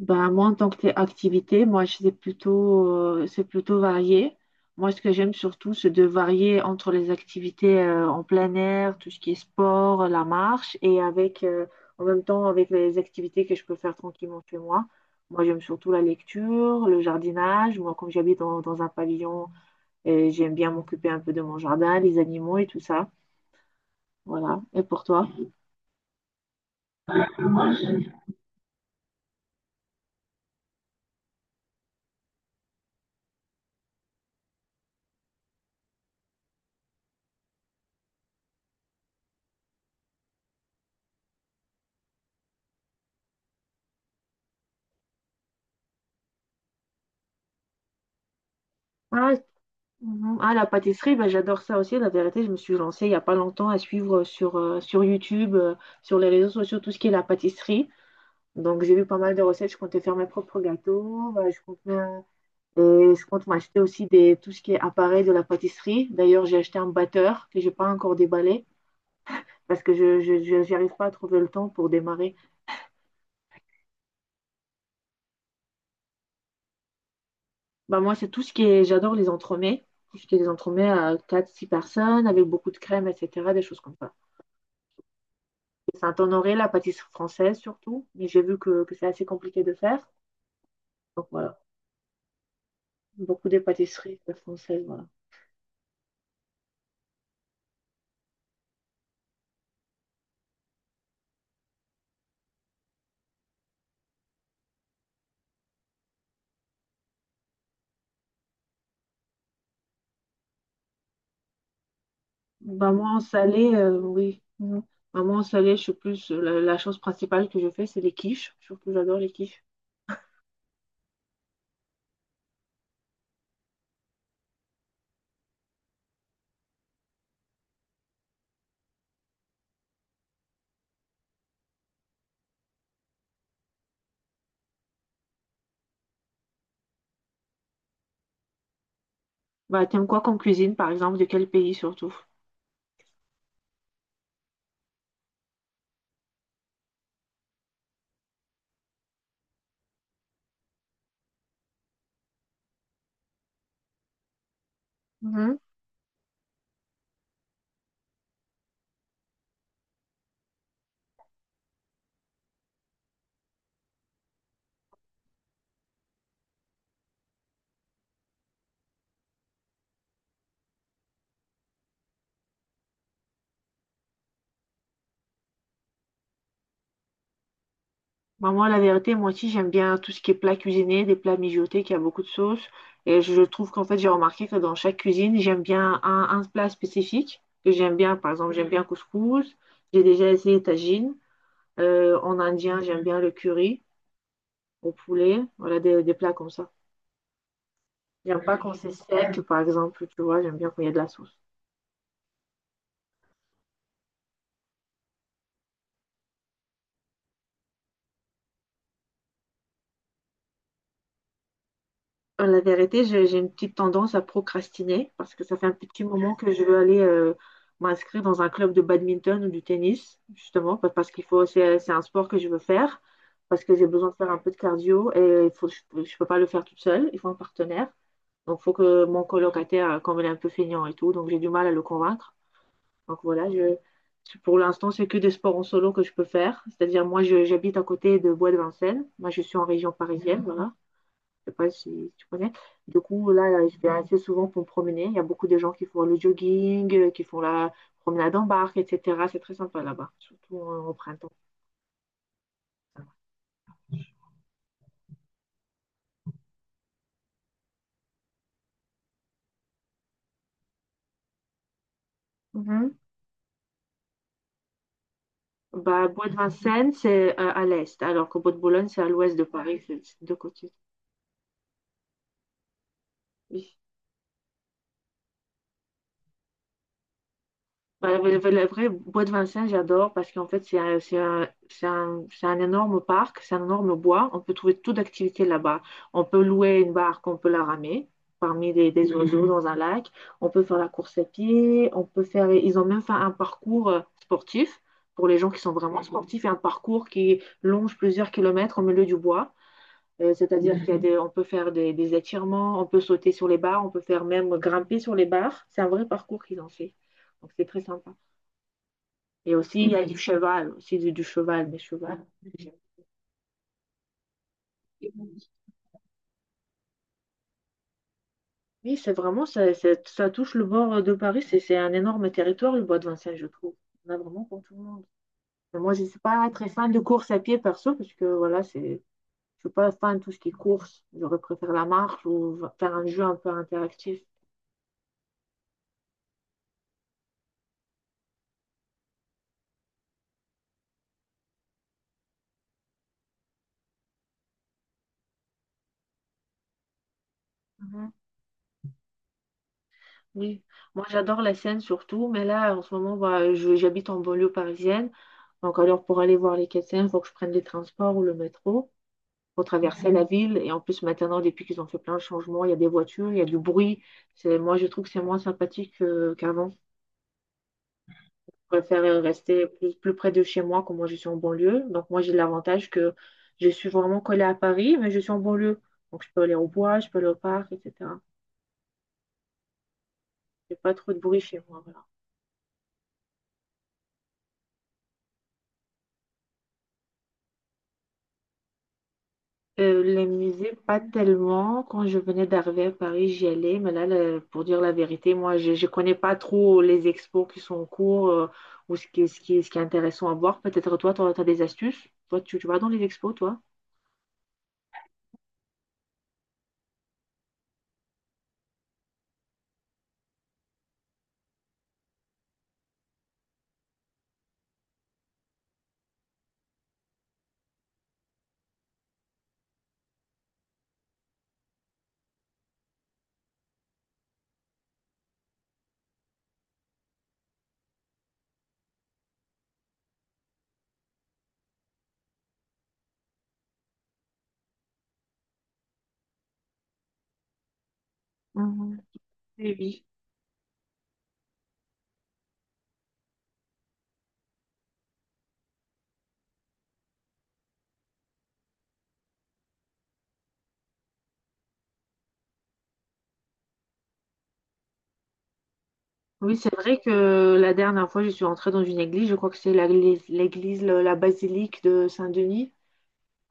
Ben, moi, en tant que activité, moi, c'est plutôt varié. Moi, ce que j'aime surtout, c'est de varier entre les activités, en plein air, tout ce qui est sport, la marche, et avec, en même temps, avec les activités que je peux faire tranquillement chez moi. Moi, j'aime surtout la lecture, le jardinage. Moi, comme j'habite dans un pavillon, j'aime bien m'occuper un peu de mon jardin, les animaux et tout ça. Voilà. Et pour toi? Mhm. Ah, la pâtisserie, ben, j'adore ça aussi. La vérité, je me suis lancée il n'y a pas longtemps à suivre sur YouTube, sur les réseaux sociaux, tout ce qui est la pâtisserie. Donc, j'ai vu pas mal de recettes. Je comptais faire mes propres gâteaux. Ben, et je compte m'acheter aussi tout ce qui est appareil de la pâtisserie. D'ailleurs, j'ai acheté un batteur que j'ai pas encore déballé parce que j'arrive pas à trouver le temps pour démarrer. Ben, moi, c'est tout ce qui est, j'adore les entremets. Tout ce qui est des entremets à quatre six personnes avec beaucoup de crème, etc., des choses comme ça. Saint-Honoré, la pâtisserie française surtout. Mais j'ai vu que c'est assez compliqué de faire. Donc voilà, beaucoup des pâtisseries françaises. Voilà. Bah moi en salé, oui. Mhm. Maman en salé, je suis plus. La chose principale que je fais, c'est les quiches. Surtout, j'adore les quiches. Bah, t'aimes quoi comme cuisine, par exemple, de quel pays surtout? Bah, moi, la vérité, moi aussi, j'aime bien tout ce qui est plat cuisiné, des plats mijotés qui a beaucoup de sauce. Et je trouve qu'en fait, j'ai remarqué que dans chaque cuisine, j'aime bien un plat spécifique que j'aime bien. Par exemple, j'aime bien couscous. J'ai déjà essayé tagine. En indien, j'aime bien le curry au poulet. Voilà, des plats comme ça. J'aime pas quand c'est sec, par exemple, tu vois. J'aime bien quand il y a de la sauce. La vérité, j'ai une petite tendance à procrastiner parce que ça fait un petit moment que je veux aller m'inscrire dans un club de badminton ou du tennis, justement, parce qu'il faut, c'est un sport que je veux faire, parce que j'ai besoin de faire un peu de cardio et il faut, je peux pas le faire toute seule, il faut un partenaire. Donc, il faut que mon colocataire, comme il est un peu feignant et tout, donc j'ai du mal à le convaincre. Donc voilà, pour l'instant, c'est que des sports en solo que je peux faire. C'est-à-dire, moi, j'habite à côté de Bois de Vincennes. Moi, je suis en région parisienne, voilà. Je sais pas si tu connais. Du coup, là, je vais assez souvent pour me promener. Il y a beaucoup de gens qui font le jogging, qui font la promenade en barque, etc. C'est très sympa là-bas, surtout en au printemps. Mhm. Bah, Bois de Vincennes, c'est à l'est, alors que Bois de Boulogne, c'est à l'ouest de Paris, c'est de deux côtés. Bah, la vraie bois de Vincennes, j'adore parce qu'en fait, c'est un énorme parc, c'est un énorme bois. On peut trouver toute d'activités là-bas. On peut louer une barque, on peut la ramer parmi des oiseaux, mhm, dans un lac. On peut faire la course à pied. Ils ont même fait un parcours sportif pour les gens qui sont vraiment sportifs et un parcours qui longe plusieurs kilomètres au milieu du bois. C'est-à-dire qu'il y a, mhm, on peut faire des étirements, on peut sauter sur les barres, on peut faire même grimper sur les barres. C'est un vrai parcours qu'ils ont fait. Donc c'est très sympa. Et aussi, il y a du cheval, aussi du cheval, des chevaux. Oui, c'est vraiment, ça, ça touche le bord de Paris. C'est un énorme territoire, le bois de Vincennes, je trouve. On a vraiment pour tout le monde. Mais moi, je ne suis pas très fan de course à pied perso, parce que voilà, je ne suis pas fan de tout ce qui est course. J'aurais préféré la marche ou faire un jeu un peu interactif. Mhm. Oui, moi j'adore la Seine surtout, mais là en ce moment, bah, j'habite en banlieue parisienne. Donc alors pour aller voir les Quais-de-Seine, il faut que je prenne les transports ou le métro pour traverser la ville. Et en plus maintenant, depuis qu'ils ont fait plein de changements, il y a des voitures, il y a du bruit. Moi je trouve que c'est moins sympathique qu'avant. Je préfère rester plus près de chez moi, comme moi je suis en banlieue. Donc moi j'ai l'avantage que je suis vraiment collée à Paris, mais je suis en banlieue. Donc je peux aller au bois, je peux aller au parc, etc. Il n'y a pas trop de bruit chez moi. Voilà. Les musées, pas tellement. Quand je venais d'arriver à Paris, j'y allais. Mais là, pour dire la vérité, moi, je ne connais pas trop les expos qui sont en cours ou ce qui est intéressant à voir. Peut-être toi, tu as, des astuces. Toi, tu vas dans les expos, toi? Mhm. Oui, oui. Oui, c'est vrai que la dernière fois, je suis entrée dans une église. Je crois que c'est l'église, la basilique de Saint-Denis.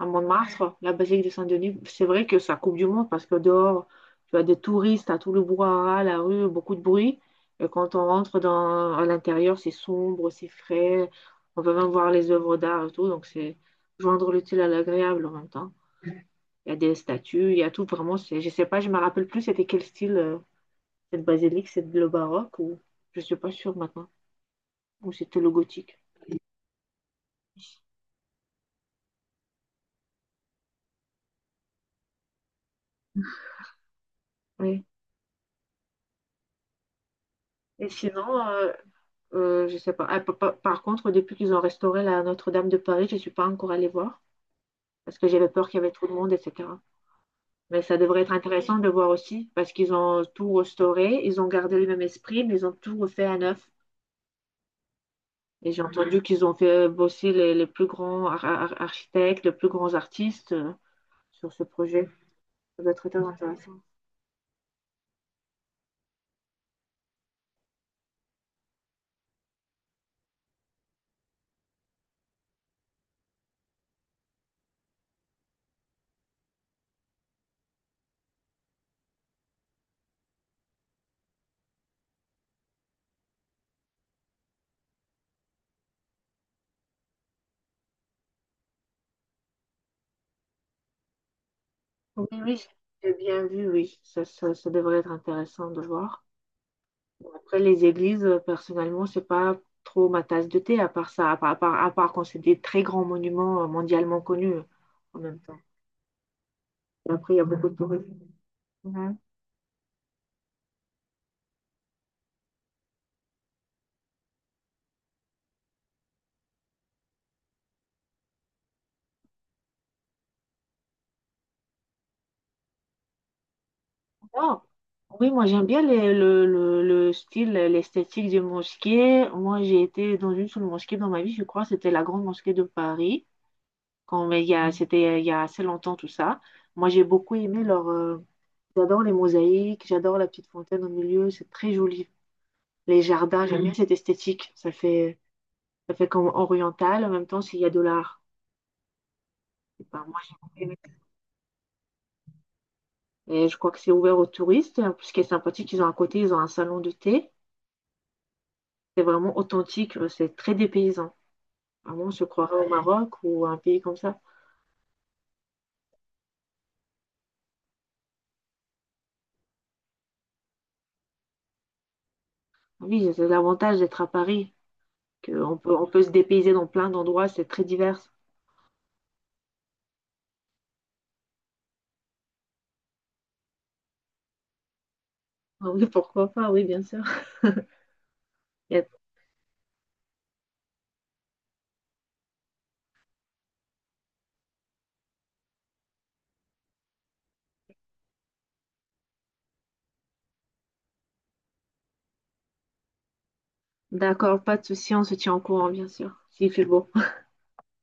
À Montmartre, la basilique de Saint-Denis, c'est vrai que ça coupe du monde parce que dehors, tu as des touristes, à tout le brouhaha, la rue, beaucoup de bruit. Et quand on rentre à l'intérieur, c'est sombre, c'est frais. On peut même voir les œuvres d'art et tout. Donc, c'est joindre l'utile à l'agréable en même temps. Il y a des statues, il y a tout vraiment. Je sais pas, je me rappelle plus c'était quel style cette basilique, c'est le baroque ou je suis pas sûre maintenant, ou c'était le gothique. Oui. Et sinon, je sais pas. Ah, par contre, depuis qu'ils ont restauré la Notre-Dame de Paris, je suis pas encore allée voir parce que j'avais peur qu'il y avait trop de monde, etc. Mais ça devrait être intéressant de voir aussi parce qu'ils ont tout restauré, ils ont gardé le même esprit, mais ils ont tout refait à neuf. Et j'ai entendu qu'ils ont fait bosser les plus grands architectes, les plus grands artistes sur ce projet. Ça doit être très intéressant. Oui, oui, j'ai bien vu, oui. Ça devrait être intéressant de voir. Bon, après, les églises, personnellement, c'est pas trop ma tasse de thé, à part ça, à part quand c'est des très grands monuments mondialement connus en même temps. Et après, il y a beaucoup de tourisme. Mhm. Non. Oui, moi j'aime bien le style, l'esthétique des mosquées. Moi j'ai été dans une seule mosquée dans ma vie, je crois, c'était la grande mosquée de Paris, quand, mais il y a, c'était il y a assez longtemps tout ça. Moi j'ai beaucoup aimé j'adore les mosaïques, j'adore la petite fontaine au milieu, c'est très joli. Les jardins, j'aime bien cette esthétique, ça fait. Ça fait comme oriental. En même temps, s'il y a de l'art. Et ben, moi, et je crois que c'est ouvert aux touristes. En plus, ce qui est sympathique, ils ont à côté, ils ont un salon de thé. C'est vraiment authentique. C'est très dépaysant. Vraiment, on se croirait au Maroc ou à un pays comme ça. Ah oui, c'est l'avantage d'être à Paris, qu'on peut se dépayser dans plein d'endroits. C'est très divers. Ah oui, pourquoi pas, oui, bien sûr. y a- D'accord, pas de souci, on se tient au courant, bien sûr, s'il fait beau.